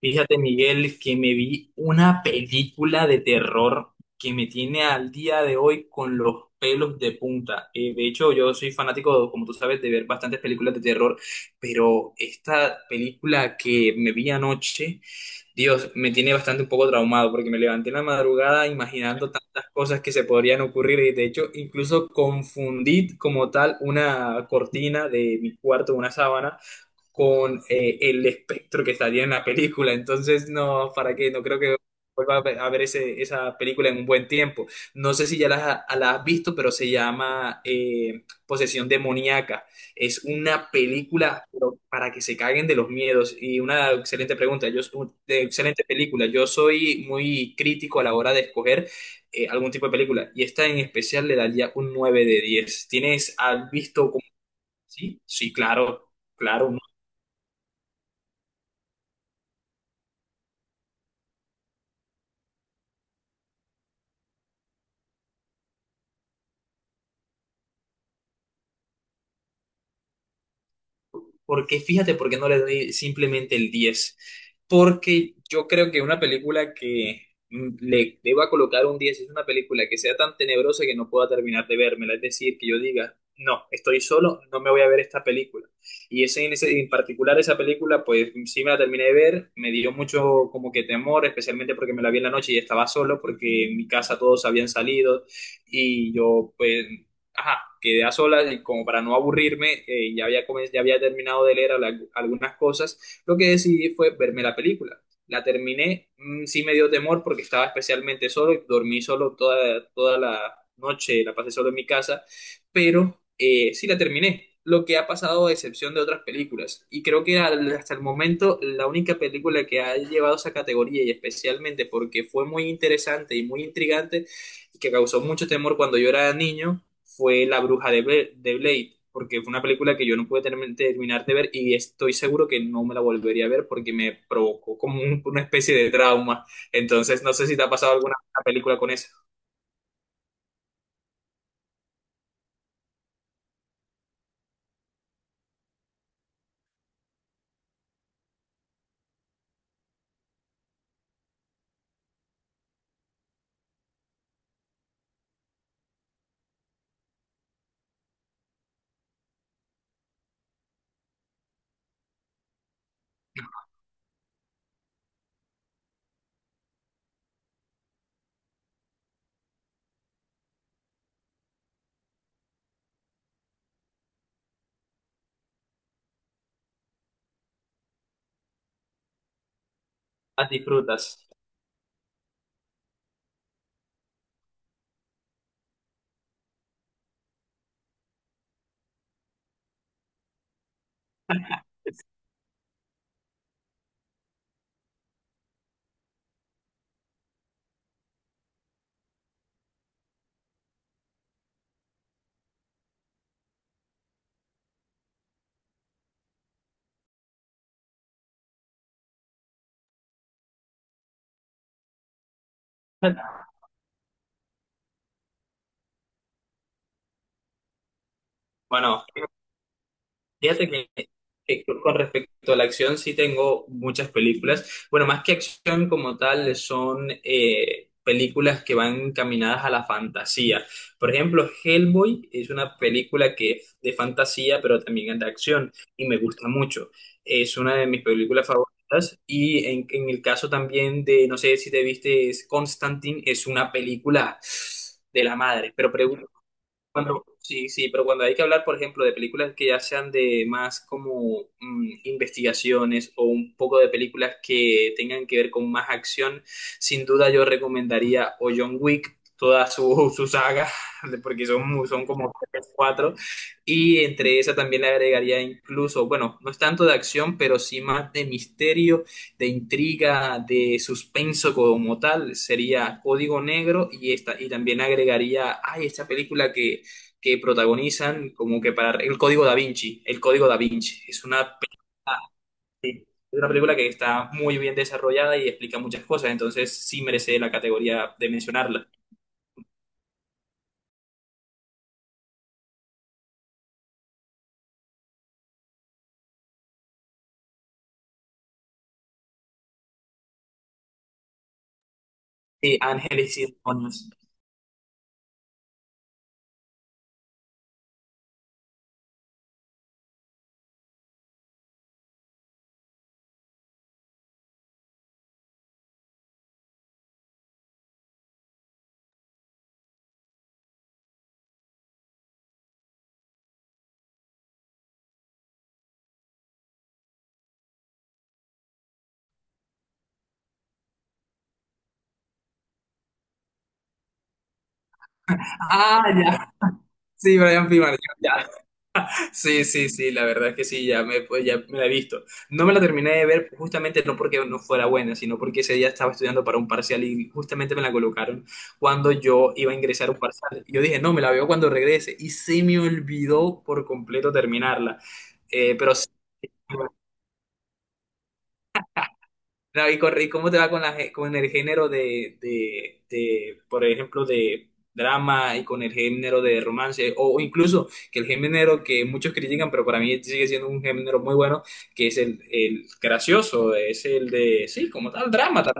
Fíjate, Miguel, que me vi una película de terror que me tiene al día de hoy con los pelos de punta. De hecho, yo soy fanático, como tú sabes, de ver bastantes películas de terror, pero esta película que me vi anoche, Dios, me tiene bastante un poco traumado porque me levanté en la madrugada imaginando tantas cosas que se podrían ocurrir y de hecho incluso confundí como tal una cortina de mi cuarto, una sábana con el espectro que estaría en la película. Entonces, no, ¿para qué? No creo que vuelva a ver esa película en un buen tiempo. No sé si ya la has visto, pero se llama Posesión Demoníaca. Es una película pero para que se caguen de los miedos. Y una excelente pregunta, de excelente película. Yo soy muy crítico a la hora de escoger algún tipo de película. Y esta en especial le daría un 9 de 10. ¿ Has visto como... Sí, sí, claro, claro. Porque fíjate por qué no le doy simplemente el 10. Porque yo creo que una película que le deba colocar un 10 es una película que sea tan tenebrosa que no pueda terminar de vérmela. Es decir, que yo diga, no, estoy solo, no me voy a ver esta película. En particular esa película, pues sí me la terminé de ver, me dio mucho como que temor, especialmente porque me la vi en la noche y estaba solo, porque en mi casa todos habían salido y yo pues ajá, quedé a solas y como para no aburrirme, ya había terminado de leer algunas cosas, lo que decidí fue verme la película. La terminé, sí me dio temor porque estaba especialmente solo y dormí solo toda la noche, la pasé solo en mi casa, pero sí la terminé. Lo que ha pasado a excepción de otras películas. Y creo que hasta el momento la única película que ha llevado esa categoría y especialmente porque fue muy interesante y muy intrigante y que causó mucho temor cuando yo era niño fue La Bruja de Blade, porque fue una película que yo no pude terminar de ver y estoy seguro que no me la volvería a ver porque me provocó como una especie de trauma. Entonces, no sé si te ha pasado alguna película con eso. Las disfrutas. Bueno. Fíjate que con respecto a la acción sí tengo muchas películas. Bueno, más que acción como tal, son películas que van encaminadas a la fantasía. Por ejemplo, Hellboy es una película que es de fantasía, pero también es de acción y me gusta mucho. Es una de mis películas favoritas. Y en el caso también de, no sé si te viste, es Constantine, es una película de la madre. Pero cuando, sí, sí, pero cuando hay que hablar, por ejemplo, de películas que ya sean de más como investigaciones o un poco de películas que tengan que ver con más acción, sin duda yo recomendaría o John Wick, toda su saga, porque son como tres, cuatro, y entre esa también le agregaría incluso, bueno, no es tanto de acción, pero sí más de misterio, de intriga, de suspenso como tal, sería Código Negro y esta, y también agregaría, ay, esta película que protagonizan como que para el Código Da Vinci, el Código Da Vinci. Es una película que está muy bien desarrollada y explica muchas cosas, entonces sí merece la categoría de mencionarla. Sí, Ángeles y Demonios. Ah, ya. Sí, Brian Pilar. Sí, sí, sí, la verdad es que sí, ya me, pues, ya me la he visto. No me la terminé de ver justamente no porque no fuera buena, sino porque ese día estaba estudiando para un parcial y justamente me la colocaron cuando yo iba a ingresar a un parcial. Y yo dije, no, me la veo cuando regrese. Y se me olvidó por completo terminarla. Pero sí, no, ¿Y cómo te va con con el género de por ejemplo, de drama y con el género de romance? O incluso que el género que muchos critican, pero para mí sigue siendo un género muy bueno, que es el gracioso, es el de, sí, como tal, drama, tal,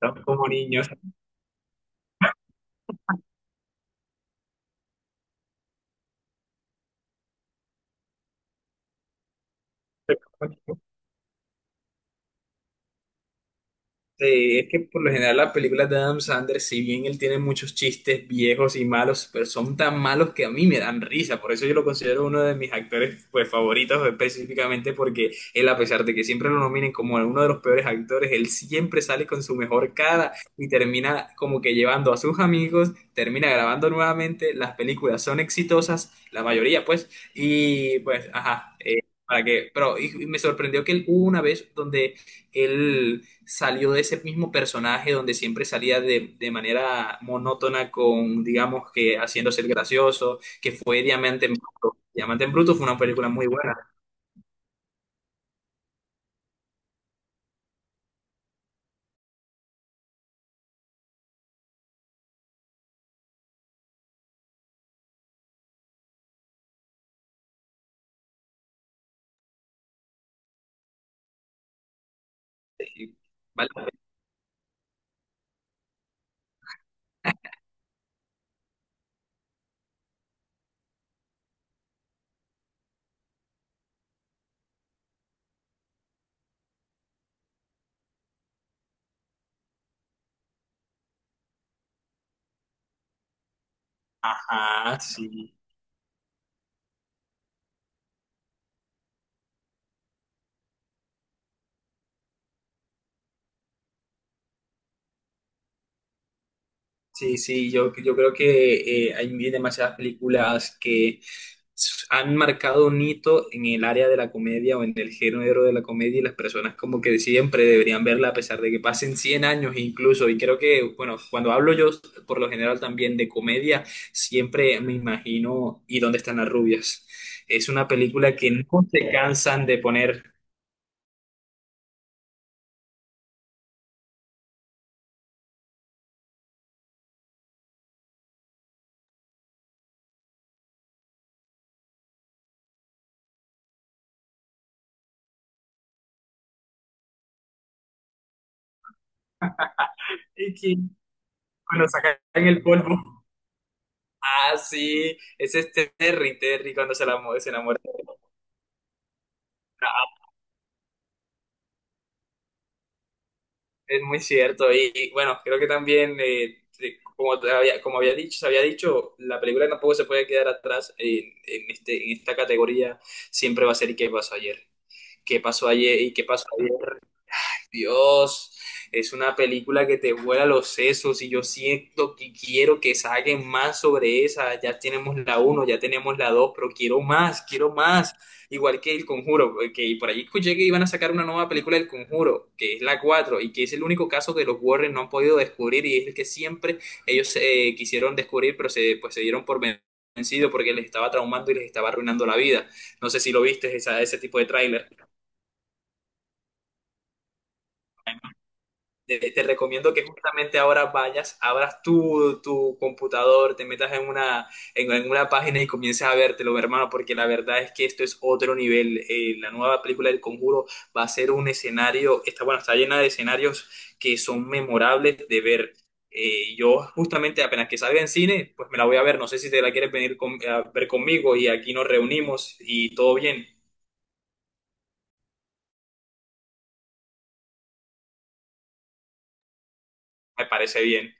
tal como niño. Sí, es que por lo general las películas de Adam Sandler, si bien él tiene muchos chistes viejos y malos, pero son tan malos que a mí me dan risa. Por eso yo lo considero uno de mis actores pues, favoritos específicamente porque él, a pesar de que siempre lo nominen como uno de los peores actores, él siempre sale con su mejor cara y termina como que llevando a sus amigos, termina grabando nuevamente, las películas son exitosas, la mayoría pues, y pues, ajá. Para que, pero y me sorprendió que él hubo una vez donde él salió de ese mismo personaje donde siempre salía de manera monótona con, digamos, que haciéndose el gracioso, que fue Diamante en Bruto. Diamante en Bruto fue una película muy buena. y- ¿Vale? Ajá, sí. Sí, sí, yo creo que hay demasiadas películas que han marcado un hito en el área de la comedia o en el género de la comedia y las personas como que siempre deberían verla a pesar de que pasen 100 años incluso. Y creo que, bueno, cuando hablo yo por lo general también de comedia, siempre me imagino ¿y dónde están las rubias? Es una película que no se cansan de poner y que cuando sacan el polvo. Ah, sí, ese es este Terry, Terry cuando se, la, se enamora. Es muy cierto. Y, y, bueno, creo que también, como, te había, como había dicho, se había dicho, la película tampoco se puede quedar atrás en esta categoría. Siempre va a ser ¿y qué pasó ayer? ¿Qué pasó ayer y qué pasó ayer? Dios, es una película que te vuela los sesos y yo siento que quiero que saquen más sobre esa. Ya tenemos la uno, ya tenemos la 2, pero quiero más, quiero más. Igual que El Conjuro, que por ahí escuché que iban a sacar una nueva película del Conjuro, que es la 4 y que es el único caso que los Warren no han podido descubrir y es el que siempre ellos quisieron descubrir, pero se, pues, se dieron por vencido porque les estaba traumando y les estaba arruinando la vida. No sé si lo viste ese tipo de tráiler. Te recomiendo que justamente ahora vayas, abras tu computador, te metas en una, en una página y comiences a vértelo, hermano, porque la verdad es que esto es otro nivel. La nueva película del Conjuro va a ser un escenario, está, bueno, está llena de escenarios que son memorables de ver. Yo justamente apenas que salga en cine, pues me la voy a ver. No sé si te la quieres venir a ver conmigo y aquí nos reunimos y todo bien. Me parece bien.